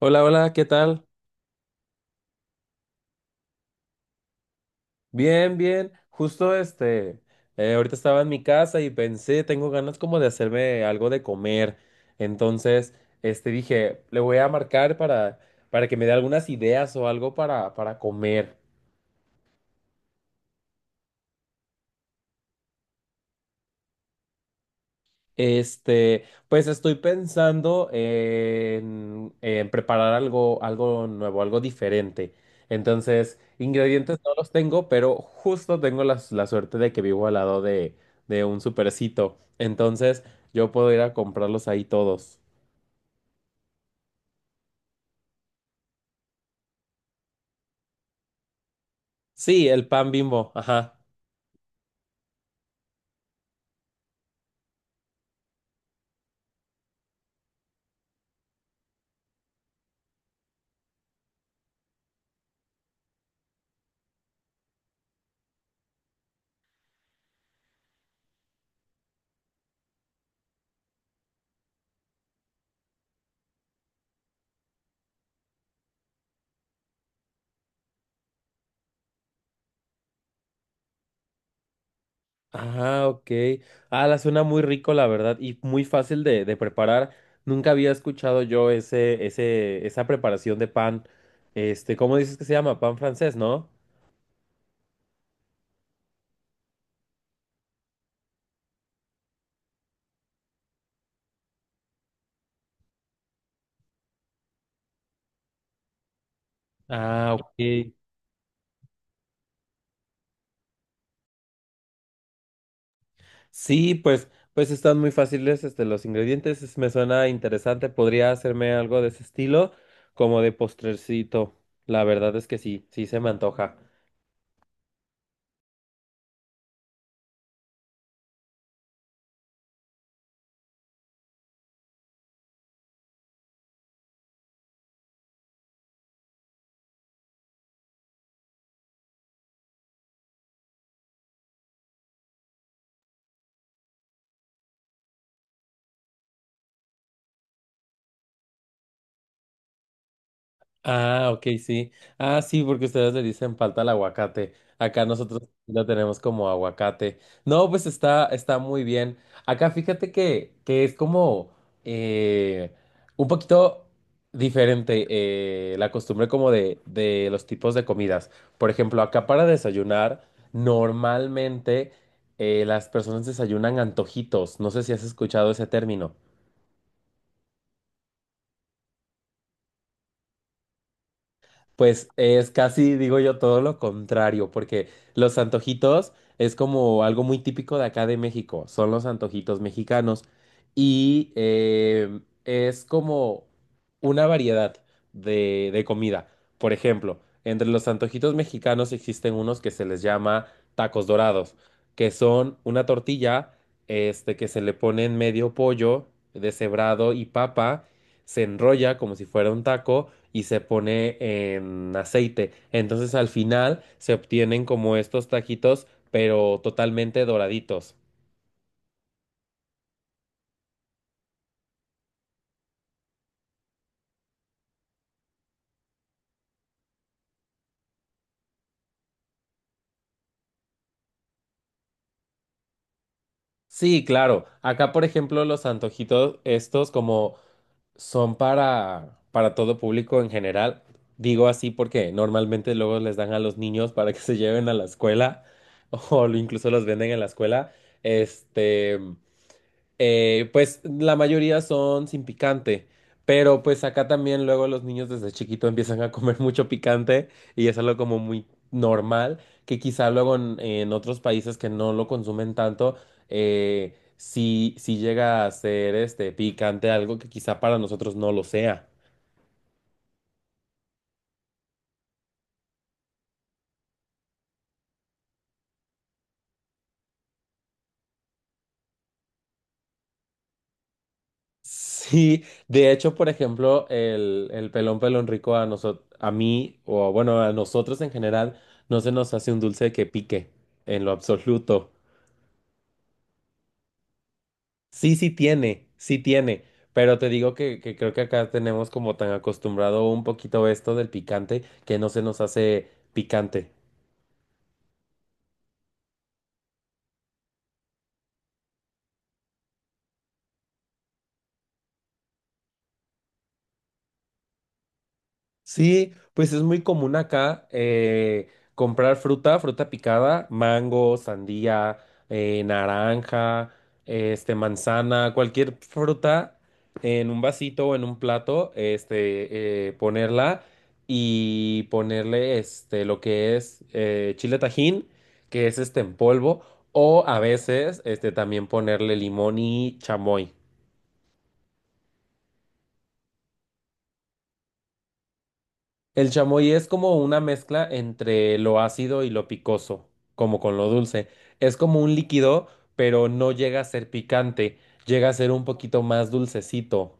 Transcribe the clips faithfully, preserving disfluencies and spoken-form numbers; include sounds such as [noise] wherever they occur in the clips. Hola, hola, ¿qué tal? Bien, bien. Justo este, eh, ahorita estaba en mi casa y pensé, tengo ganas como de hacerme algo de comer. Entonces, este, dije, le voy a marcar para, para que me dé algunas ideas o algo para, para comer. Este, pues estoy pensando en, en preparar algo, algo nuevo, algo diferente. Entonces, ingredientes no los tengo, pero justo tengo la, la suerte de que vivo al lado de, de un supercito. Entonces, yo puedo ir a comprarlos ahí todos. Sí, el pan Bimbo, ajá. Ah, ok. Ah, la suena muy rico, la verdad, y muy fácil de, de preparar. Nunca había escuchado yo ese, ese, esa preparación de pan. Este, ¿cómo dices que se llama? Pan francés, ¿no? Ah, ok. Sí, pues, pues están muy fáciles, este, los ingredientes. es- Me suena interesante. Podría hacerme algo de ese estilo, como de postrecito. La verdad es que sí, sí se me antoja. Ah, ok, sí. Ah, sí, porque ustedes le dicen falta el aguacate. Acá nosotros lo tenemos como aguacate. No, pues está, está muy bien. Acá fíjate que, que es como eh, un poquito diferente eh, la costumbre como de, de los tipos de comidas. Por ejemplo, acá para desayunar, normalmente eh, las personas desayunan antojitos. No sé si has escuchado ese término. Pues es casi, digo yo, todo lo contrario, porque los antojitos es como algo muy típico de acá de México, son los antojitos mexicanos y eh, es como una variedad de, de comida. Por ejemplo, entre los antojitos mexicanos existen unos que se les llama tacos dorados, que son una tortilla, este, que se le pone en medio pollo deshebrado y papa, se enrolla como si fuera un taco y se pone en aceite. Entonces al final se obtienen como estos taquitos, pero totalmente doraditos. Sí, claro. Acá, por ejemplo, los antojitos estos como son para para todo público en general. Digo así porque normalmente luego les dan a los niños para que se lleven a la escuela [laughs] o incluso los venden en la escuela. Este, Eh, pues la mayoría son sin picante, pero pues acá también luego los niños desde chiquito empiezan a comer [laughs] mucho picante y es algo como muy normal, que quizá luego en, en otros países que no lo consumen tanto, eh, sí, sí llega a ser este picante, algo que quizá para nosotros no lo sea. [laughs] Sí, de hecho, por ejemplo, el, el pelón pelón rico a nosotros, a mí, o bueno, a nosotros en general, no se nos hace un dulce que pique en lo absoluto. Sí, sí tiene, sí tiene, pero te digo que, que creo que acá tenemos como tan acostumbrado un poquito esto del picante que no se nos hace picante. Sí, pues es muy común acá eh, comprar fruta, fruta picada, mango, sandía, eh, naranja, este, manzana, cualquier fruta en un vasito o en un plato, este, eh, ponerla y ponerle este, lo que es eh, chile tajín, que es este en polvo, o a veces este, también ponerle limón y chamoy. El chamoy es como una mezcla entre lo ácido y lo picoso, como con lo dulce. Es como un líquido, pero no llega a ser picante, llega a ser un poquito más dulcecito.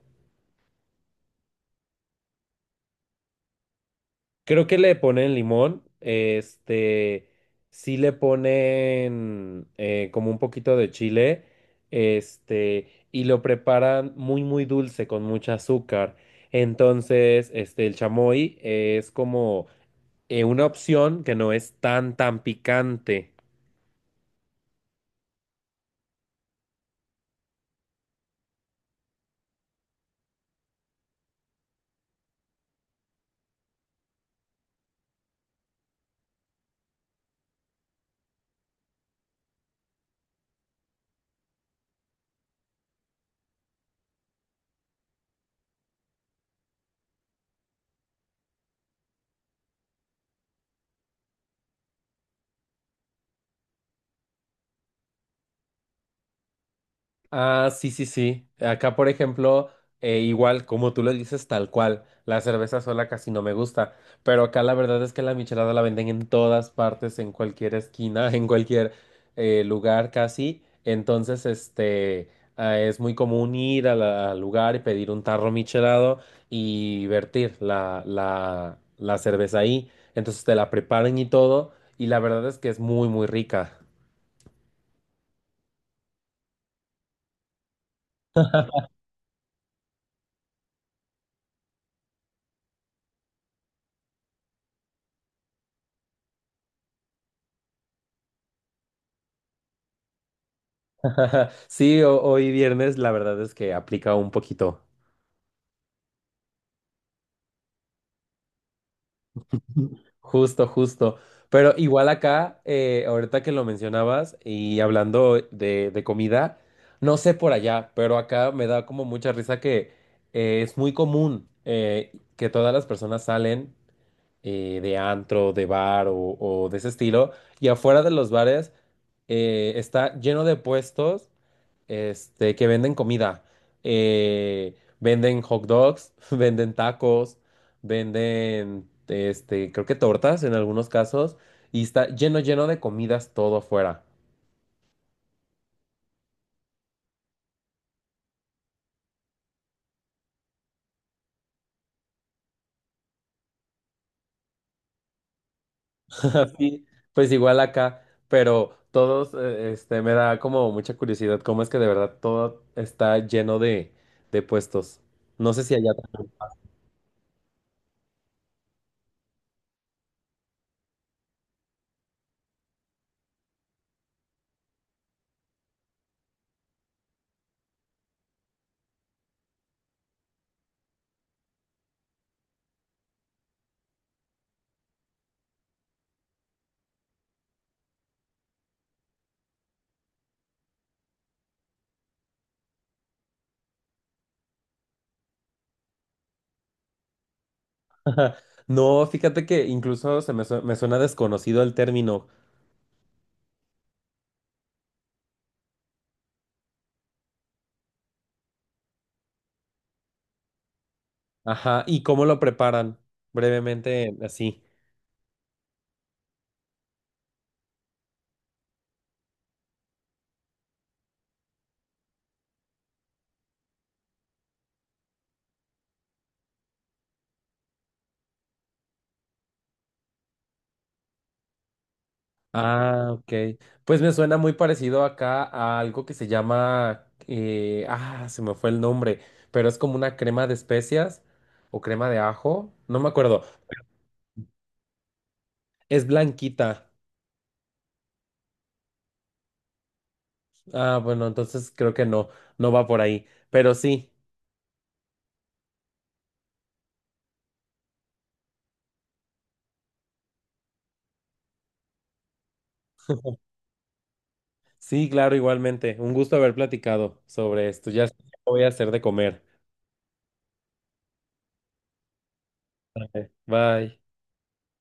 Creo que le ponen limón, este, sí le ponen eh, como un poquito de chile, este, y lo preparan muy, muy dulce con mucho azúcar. Entonces, este, el chamoy es como eh, una opción que no es tan, tan picante. Ah, sí, sí, sí. Acá, por ejemplo, eh, igual, como tú lo dices, tal cual. La cerveza sola casi no me gusta. Pero acá la verdad es que la michelada la venden en todas partes, en cualquier esquina, [laughs] en cualquier eh, lugar casi. Entonces, este, ah, es muy común ir a la- al lugar y pedir un tarro michelado y vertir la, la la cerveza ahí. Entonces te la preparan y todo. Y la verdad es que es muy, muy rica. [laughs] Sí, ho- hoy viernes la verdad es que aplica un poquito. Justo, justo. Pero igual acá, eh, ahorita que lo mencionabas y hablando de, de comida, no sé por allá, pero acá me da como mucha risa que eh, es muy común eh, que todas las personas salen eh, de antro, de bar o, o de ese estilo, y afuera de los bares eh, está lleno de puestos este, que venden comida. Eh, venden hot dogs, [laughs] venden tacos, venden, este, creo que tortas en algunos casos, y está lleno, lleno de comidas todo afuera. [laughs] Así, pues igual acá, pero todos, eh, este, me da como mucha curiosidad cómo es que de verdad todo está lleno de, de puestos. No sé si allá. [laughs] No, fíjate que incluso se me, su- me suena desconocido el término. Ajá, ¿y cómo lo preparan? Brevemente, así. Ah, ok. Pues me suena muy parecido acá a algo que se llama, eh, ah, se me fue el nombre, pero es como una crema de especias o crema de ajo, no me acuerdo. Es blanquita. Ah, bueno, entonces creo que no, no va por ahí. Pero sí, sí, claro, igualmente. Un gusto haber platicado sobre esto. Ya sé qué voy a hacer de comer. Bye.